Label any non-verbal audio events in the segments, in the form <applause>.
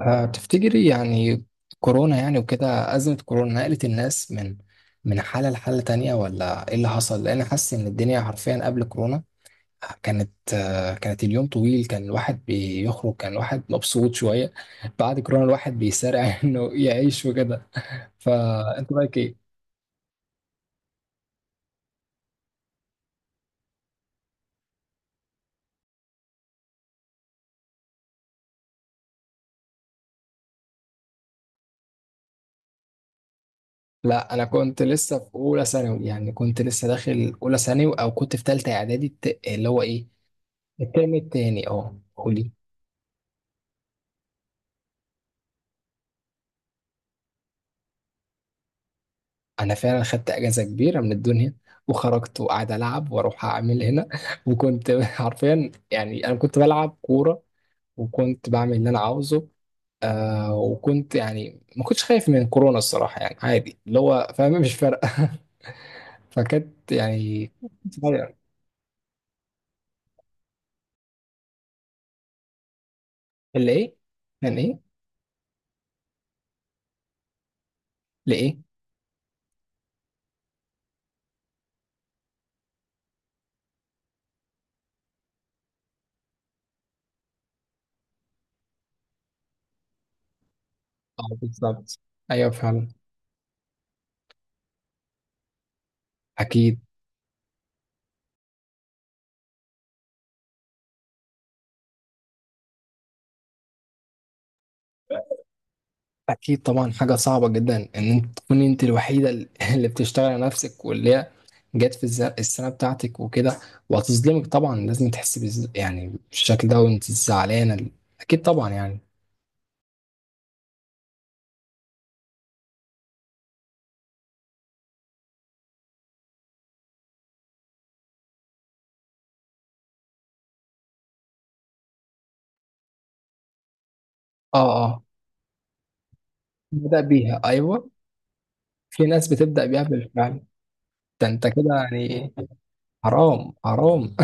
تفتكري يعني كورونا يعني وكده أزمة كورونا نقلت الناس من حالة لحالة تانية ولا إيه اللي حصل؟ لأن حاسس إن الدنيا حرفيا قبل كورونا كانت اليوم طويل، كان الواحد بيخرج، كان الواحد مبسوط شوية. بعد كورونا الواحد بيسارع <laughs> إنه يعيش وكده. فأنت رأيك إيه؟ لا أنا كنت لسه في أولى ثانوي، يعني كنت لسه داخل أولى ثانوي أو كنت في تالتة إعدادي. اللي هو إيه؟ الترم التاني. قولي. انا فعلا خدت اجازه كبيره من الدنيا، وخرجت وقعد العب واروح اعمل هنا، <laughs> وكنت حرفيا، يعني انا كنت بلعب كوره وكنت بعمل اللي انا عاوزه. وكنت يعني ما كنتش خايف من كورونا الصراحه، يعني عادي اللي هو فاهم، مش فارقه. <laughs> فكانت يعني صغير. اللي ايه؟ كان ايه؟ لايه؟ اه بالظبط. ايوه فعلا. اكيد. أكيد طبعا، حاجة صعبة جدا إن أنت تكوني أنت الوحيدة <laughs> اللي بتشتغل على نفسك، واللي هي جت في السنة بتاعتك وكده. وهتظلمك طبعا، لازم تحسي يعني بالشكل ده، وأنت زعلانة أكيد طبعا يعني. أه أه. بدأ بيها، أيوه. في ناس بتبدأ بيها بالفعل. ده أنت كده يعني. حرام حرام.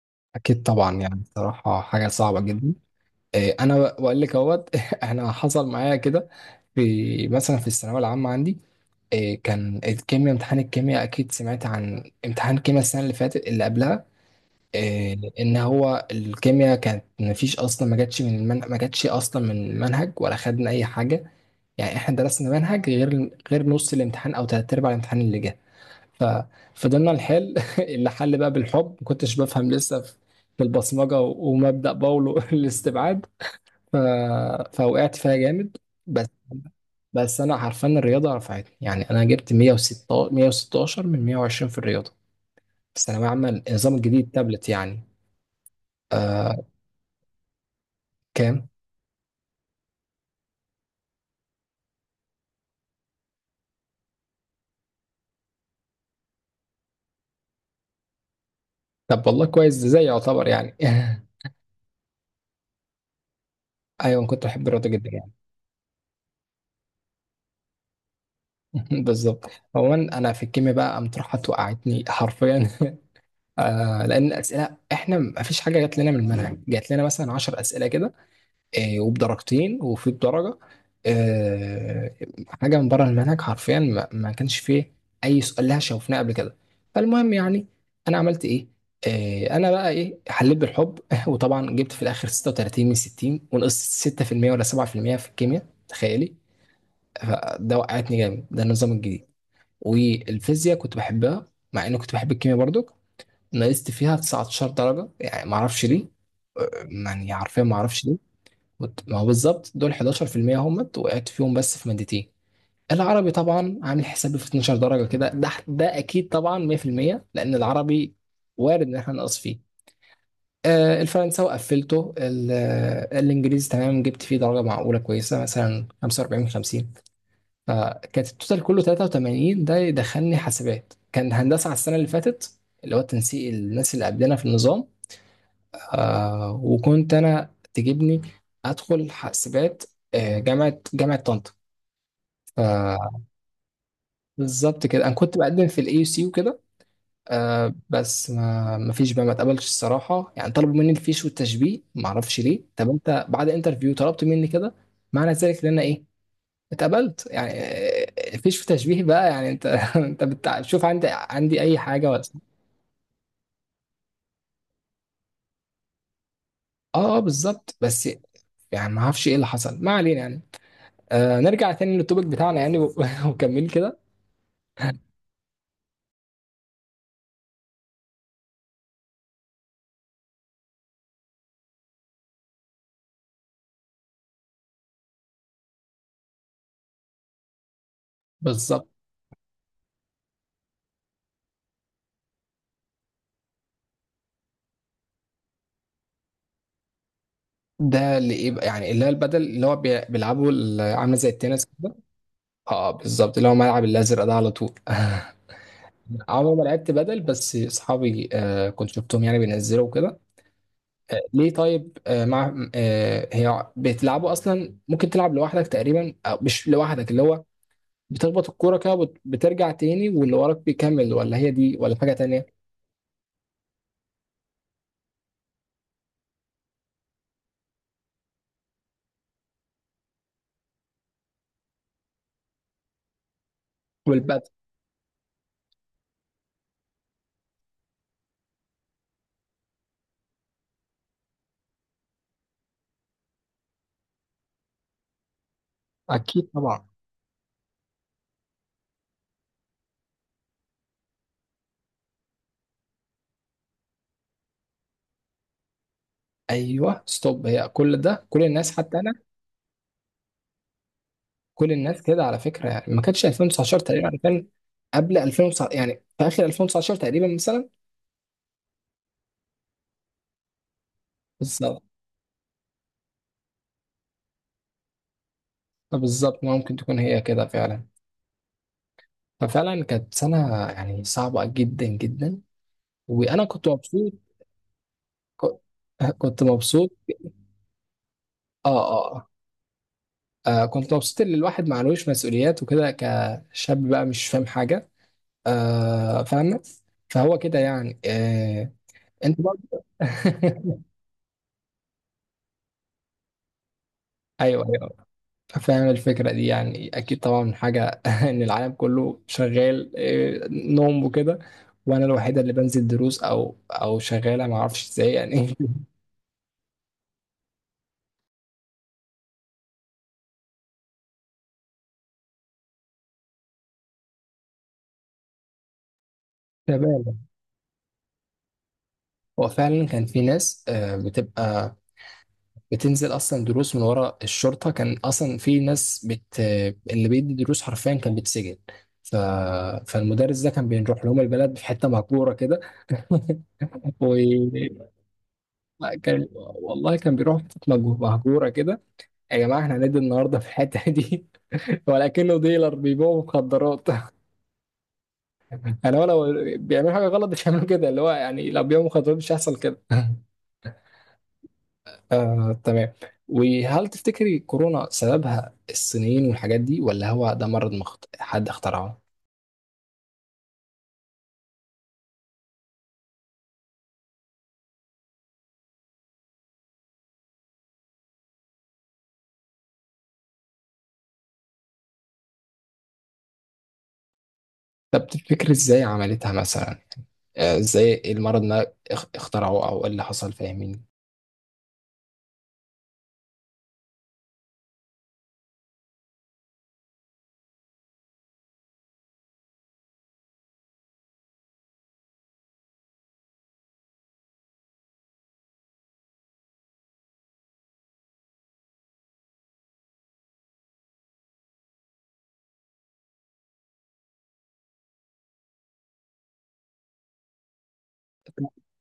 <laughs> أكيد طبعا يعني، بصراحة حاجة صعبة جدا. انا بقول لك اهوت. <laughs> انا حصل معايا كده في مثلا في الثانويه العامه عندي. كان الكيمياء امتحان الكيمياء اكيد سمعت عن امتحان الكيمياء السنه اللي فاتت اللي قبلها. ان هو الكيمياء كانت ما فيش اصلا، ما جاتش اصلا من المنهج ولا خدنا اي حاجه. يعني احنا درسنا منهج غير نص الامتحان او تلات ارباع الامتحان اللي جه. ففضلنا نحل <laughs> اللي حل بقى بالحب، ما كنتش بفهم، لسه في البصمجه ومبدا باولو <laughs> الاستبعاد. ف... فوقعت فيها جامد. بس بس انا عارفان الرياضه رفعتني، يعني انا جبت 116 من 120 في الرياضه في ثانويه عامه النظام الجديد تابلت يعني. آه. كام؟ طب والله كويس، ده زي يعتبر يعني. <laughs> ايوه أنا كنت بحب الرياضه جدا يعني. <laughs> بالظبط. عموما انا في الكيمياء بقى قامت راحت وقعتني حرفيا. <laughs> لان الاسئله احنا ما فيش حاجه جات لنا من المنهج، جات لنا مثلا 10 اسئله كده، وبدرجتين وفي بدرجة، آه، حاجة من بره المنهج حرفيا، ما كانش فيه أي سؤال لها شوفناه قبل كده. فالمهم يعني، أنا عملت إيه؟ أنا بقى إيه حليت بالحب. <laughs> وطبعا جبت في الآخر 36 من 60، ونقصت 6% ولا 7% في المية في الكيمياء تخيلي. فده وقعتني جامد، ده النظام الجديد. والفيزياء كنت بحبها، مع إني كنت بحب الكيمياء برضو، نقصت فيها 19 درجة يعني معرفش ليه. يعني حرفيا معرفش. ما هو بالظبط دول 11% همت وقعت فيهم بس في مادتين. العربي طبعا عامل حسابي في 12 درجة كده، ده أكيد طبعا 100%، لأن العربي وارد إن احنا نقص فيه. الفرنساوي قفلته، الإنجليزي تمام جبت فيه درجة معقولة كويسة، مثلا 45 من 50. فكانت التوتال كله 83، ده يدخلني حاسبات كان هندسة على السنة اللي فاتت، اللي هو تنسيق الناس اللي قبلنا في النظام. وكنت انا تجيبني ادخل حاسبات. جامعه طنطا. فبالظبط كده انا كنت بقدم في الاي سي وكده. بس ما فيش بقى، ما اتقبلش الصراحه، يعني طلبوا مني الفيش والتشبيه ما اعرفش ليه. طب انت بعد انترفيو طلبت مني كده؟ معنى ذلك ان انا ايه، اتقبلت يعني. الفيش وتشبيه بقى يعني، انت <laughs> انت بتشوف عندي اي حاجه ولا؟ اه بالظبط بس، يعني ما اعرفش ايه اللي حصل، ما علينا يعني. نرجع تاني للتوبيك بتاعنا يعني <laughs> وكمل كده. بالظبط. ده اللي ايه بقى يعني، اللي هي البدل، اللي هو بيلعبه، عامله زي التنس كده. اه بالظبط، اللي هو ملعب الازرق ده على طول. <laughs> عمري ما لعبت بدل، بس اصحابي كنت شفتهم يعني بينزلوا كده. آه ليه طيب آه مع آه هي بتلعبوا اصلا، ممكن تلعب لوحدك تقريبا أو مش لوحدك، اللي هو بتخبط الكوره كده بترجع تاني واللي وراك بيكمل، ولا هي دي ولا حاجه تانيه؟ والبدل. اكيد طبعا. ايوه ستوب، هي كل الناس حتى انا، كل الناس كده على فكره، يعني ما كانتش 2019 تقريبا، يعني كان قبل 2019 يعني في اخر 2019 تقريبا مثلا. بالظبط بالظبط. ممكن تكون هي كده فعلا. ففعلا كانت سنه يعني صعبه جدا جدا. وانا كنت مبسوط. ك- كنت مبسوط. اه اه. كنت مبسوط ان الواحد معلوش مسؤوليات وكده كشاب بقى مش فاهم حاجه. فاهمه. فهو كده يعني. انت برضه. <laughs> ايوه ايوه. فاهم الفكرة دي يعني، أكيد طبعا حاجة <laughs> إن العالم كله شغال نوم وكده، وأنا الوحيدة اللي بنزل دروس أو شغالة معرفش إزاي يعني. <laughs> تمام. هو فعلا كان في ناس بتبقى بتنزل أصلا دروس من ورا الشرطة، كان أصلا في ناس اللي بيدي دروس حرفيا كان بيتسجن. ف... فالمدرس ده كان بيروح لهم البلد في حتة مهجورة كده. <laughs> وكان والله كان بيروح في حتة مهجورة كده، يا جماعة احنا هندي النهاردة في الحتة دي. <laughs> ولا كأنه ديلر بيبيعوا مخدرات. <laughs> يعني هو لو بيعملوا حاجة غلط مش هيعملوا كده، اللي هو يعني لو بيبيعوا مخدرات مش هيحصل كده. آه تمام. وهل تفتكري كورونا سببها الصينيين والحاجات دي، ولا هو ده مرض حد اخترعه؟ طب تفتكري ازاي عملتها مثلا؟ يعني، ازاي المرض ده اخترعوه او ايه اللي حصل، فاهمين؟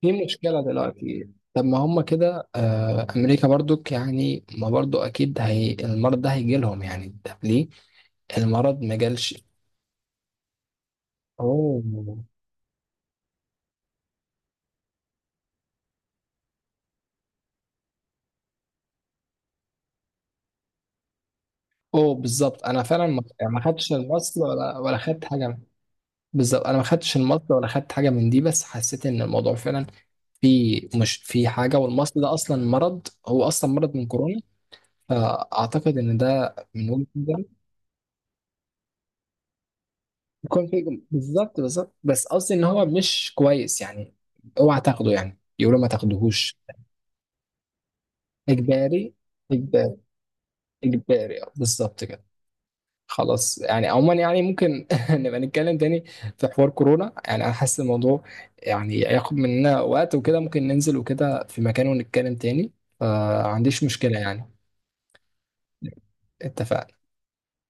في مشكلة دلوقتي، طب ما هم كده، أمريكا برضك يعني، ما برضو أكيد هي المرض ده هيجي لهم يعني، طب ليه المرض ما جالش؟ أوه أوه بالظبط، أنا فعلا ما يعني ما خدتش المصل ولا خدت حاجة. بالظبط أنا ما خدتش المصل ولا خدت حاجة من دي، بس حسيت إن الموضوع فعلا في مش في حاجة. والمصل ده أصلا مرض، هو أصلا مرض من كورونا، فأعتقد إن ده من وجهة نظري. يكون في بالظبط بالظبط، بس قصدي ان هو مش كويس يعني، اوعى تاخده، يعني يقولوا ما تاخدوهوش. اجباري اجباري اجباري اه بالظبط كده. خلاص يعني، عموما يعني ممكن <laughs> نبقى نتكلم تاني في حوار كورونا يعني، انا حاسس الموضوع يعني هياخد مننا وقت وكده، ممكن ننزل وكده في مكان ونتكلم تاني، فما عنديش مشكلة يعني. اتفقنا.